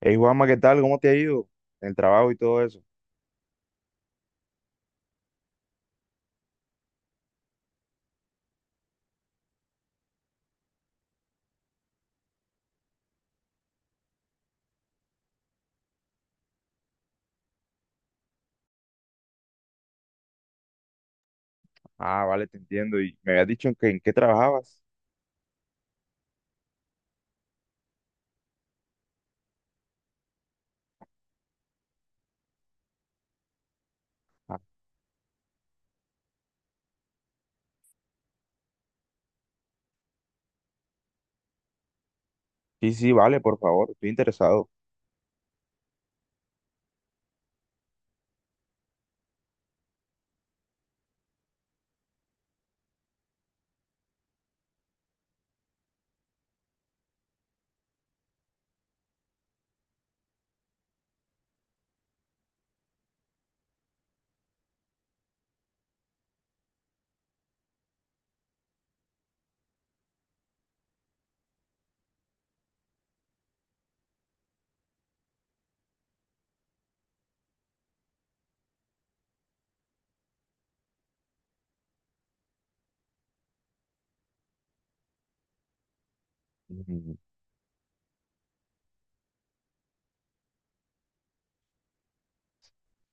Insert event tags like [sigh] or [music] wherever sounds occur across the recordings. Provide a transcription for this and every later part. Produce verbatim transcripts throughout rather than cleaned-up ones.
Hey Juanma, ¿qué tal? ¿Cómo te ha ido? El trabajo y todo eso. Ah, vale, te entiendo. Y me habías dicho en, que, en qué trabajabas. Ah, sí, sí, vale, por favor, estoy interesado. Ujú.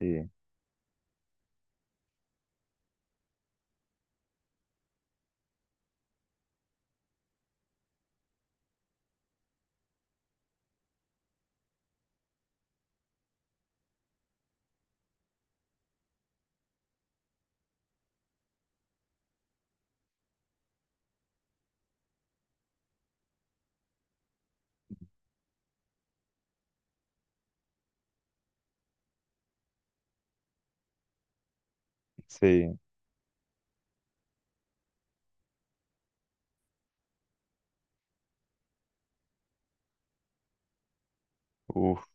Sí, sí, uf,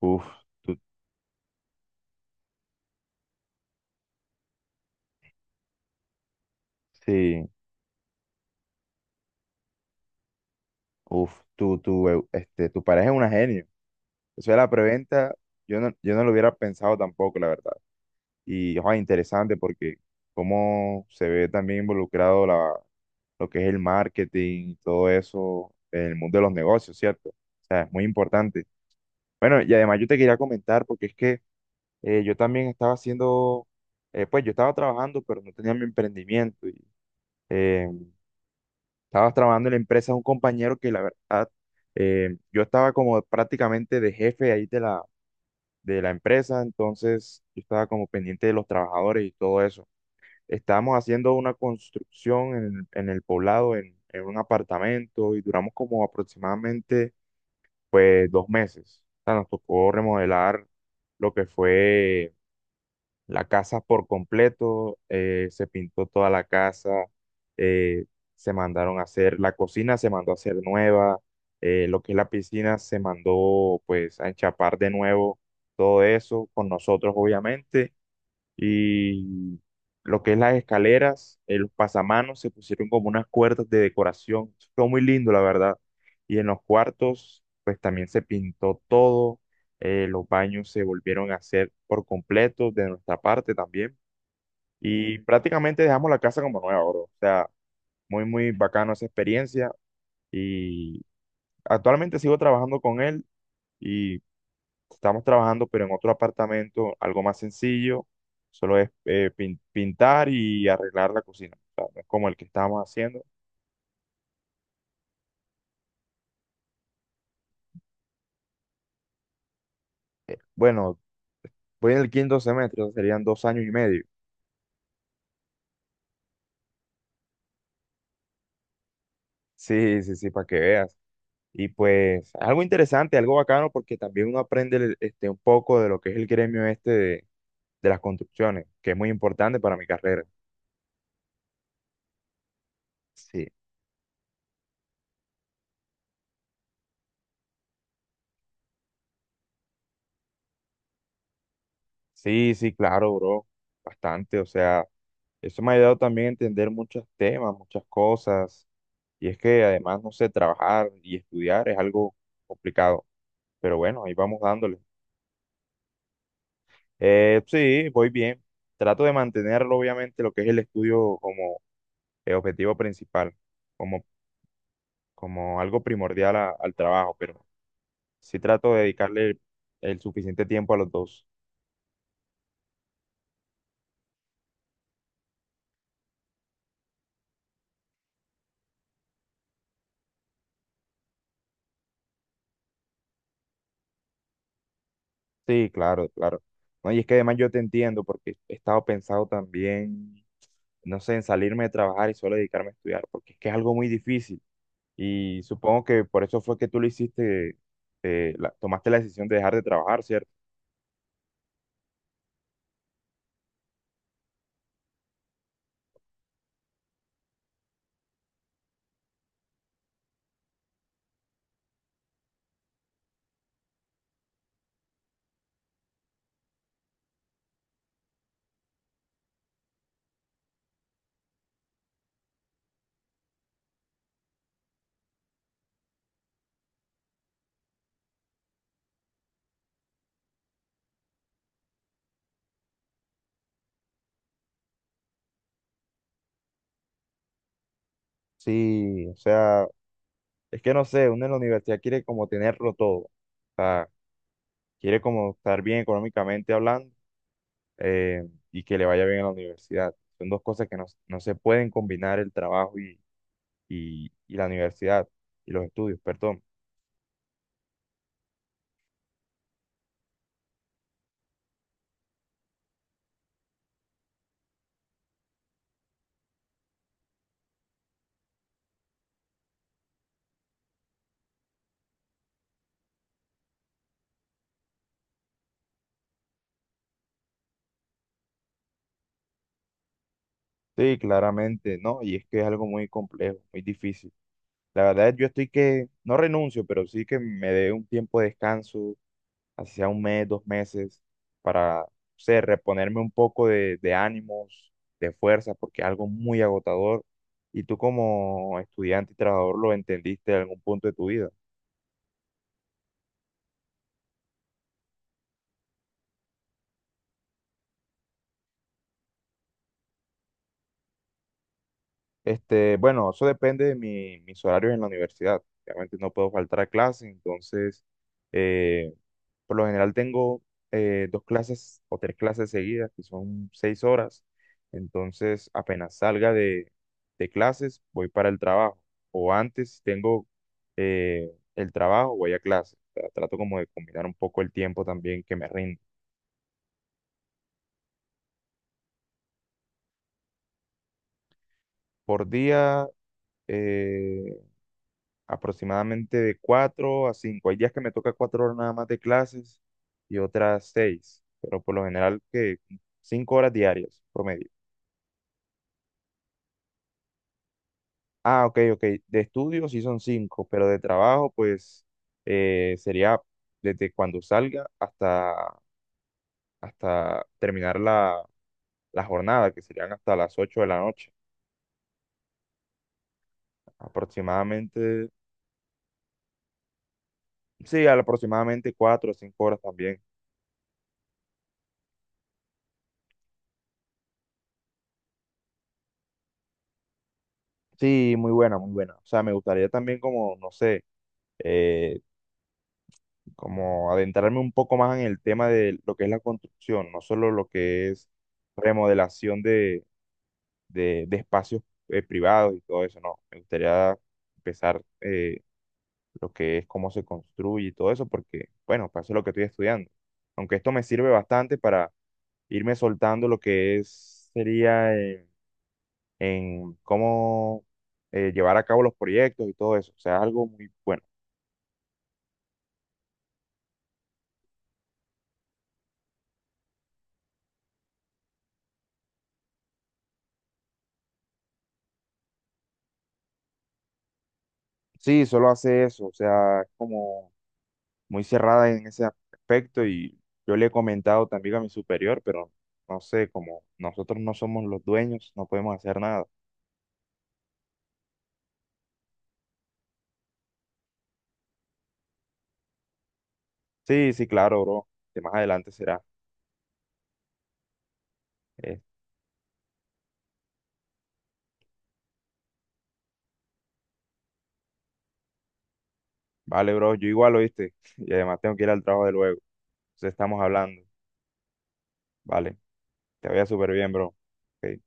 uf, tú, sí, uf, tú, tú, eh, este, tu pareja es una genio. Eso de la preventa, yo no, yo no lo hubiera pensado tampoco, la verdad. Y, ojo, interesante porque cómo se ve también involucrado la, lo que es el marketing y todo eso en el mundo de los negocios, ¿cierto? O sea, es muy importante. Bueno, y además yo te quería comentar, porque es que eh, yo también estaba haciendo, eh, pues yo estaba trabajando, pero no tenía mi emprendimiento. Y eh, estaba trabajando en la empresa de un compañero que la verdad, eh, yo estaba como prácticamente de jefe ahí de la, de la empresa, entonces yo estaba como pendiente de los trabajadores y todo eso. Estábamos haciendo una construcción en, en el poblado, en, en un apartamento, y duramos como aproximadamente, pues, dos meses. O sea, nos tocó remodelar lo que fue la casa por completo, eh, se pintó toda la casa, eh, se mandaron a hacer, la cocina se mandó a hacer nueva, eh, lo que es la piscina se mandó pues a enchapar de nuevo, todo eso con nosotros obviamente, y lo que es las escaleras, eh, los pasamanos se pusieron como unas cuerdas de decoración. Fue muy lindo, la verdad. Y en los cuartos, pues también se pintó todo. eh, los baños se volvieron a hacer por completo de nuestra parte también. Y prácticamente dejamos la casa como nueva, bro. O sea, muy, muy bacano esa experiencia. Y actualmente sigo trabajando con él. y Estamos trabajando, pero en otro apartamento, algo más sencillo, solo es eh, pin- pintar y arreglar la cocina. O sea, no es como el que estábamos haciendo. Bueno, voy en el quinto semestre, o sea, serían dos años y medio. Sí, sí, sí, para que veas. Y pues algo interesante, algo bacano, porque también uno aprende el- este, un poco de lo que es el gremio este de, de las construcciones, que es muy importante para mi carrera. Sí, sí, sí, claro, bro, bastante. O sea, eso me ha ayudado también a entender muchos temas, muchas cosas. Y es que además, no sé, trabajar y estudiar es algo complicado. Pero bueno, ahí vamos dándole. Eh, sí, voy bien. Trato de mantenerlo, obviamente, lo que es el estudio como eh, objetivo principal, como, como algo primordial a- al trabajo, pero sí trato de dedicarle el, el suficiente tiempo a los dos. Sí, claro, claro. No, y es que además yo te entiendo porque he estado pensado también, no sé, en salirme de trabajar y solo dedicarme a estudiar, porque es que es algo muy difícil. Y supongo que por eso fue que tú lo hiciste, eh, la- tomaste la decisión de dejar de trabajar, ¿cierto? Sí, o sea, es que no sé, uno en la universidad quiere como tenerlo todo. O sea, quiere como estar bien económicamente hablando, eh, y que le vaya bien a la universidad. Son dos cosas que no, s- no se pueden combinar el trabajo y, y, y la universidad y los estudios, perdón. Sí, claramente, no, y es que es algo muy complejo, muy difícil. La verdad, yo estoy que no renuncio, pero sí que me dé un tiempo de descanso así sea un mes, dos meses, para, no sé, reponerme un poco de, de ánimos, de fuerza, porque es algo muy agotador y tú como estudiante y trabajador lo entendiste en algún punto de tu vida. Este, bueno, eso depende de mi- mis horarios en la universidad. Obviamente no puedo faltar a clase, entonces eh, por lo general tengo eh, dos clases o tres clases seguidas, que son seis horas. Entonces, apenas salga de, de clases, voy para el trabajo. O antes tengo eh, el trabajo, voy a clase. O sea, trato como de combinar un poco el tiempo también que me rinde. Por día, eh, aproximadamente de cuatro a cinco. Hay días que me toca cuatro horas nada más de clases y otras seis, pero por lo general que cinco horas diarias promedio. Ah, ok, ok. De estudio sí son cinco, pero de trabajo, pues eh, sería desde cuando salga hasta, hasta terminar la, la jornada, que serían hasta las ocho de la noche. Aproximadamente, sí, al- aproximadamente cuatro o cinco horas también. Sí, muy buena, muy buena. O sea, me gustaría también como, no sé, eh, como adentrarme un poco más en el tema de lo que es la construcción, no solo lo que es remodelación de, de espacios eh, privados y todo eso, no. Me gustaría empezar, eh, lo que es cómo se construye y todo eso, porque, bueno, para eso es lo que estoy estudiando. Aunque esto me sirve bastante para irme soltando lo que es, sería eh, en cómo eh, llevar a cabo los proyectos y todo eso. O sea, es algo muy bueno. Sí, solo hace eso, o sea, es como muy cerrada en ese aspecto y yo le he comentado también a mi superior, pero no sé, como nosotros no somos los dueños, no podemos hacer nada. Sí, sí, claro, bro. Que más adelante será. Eh, vale, bro, yo igual oíste. [laughs] Y además tengo que ir al trabajo de luego. Entonces estamos hablando. Vale, te vaya súper bien, bro. Ok.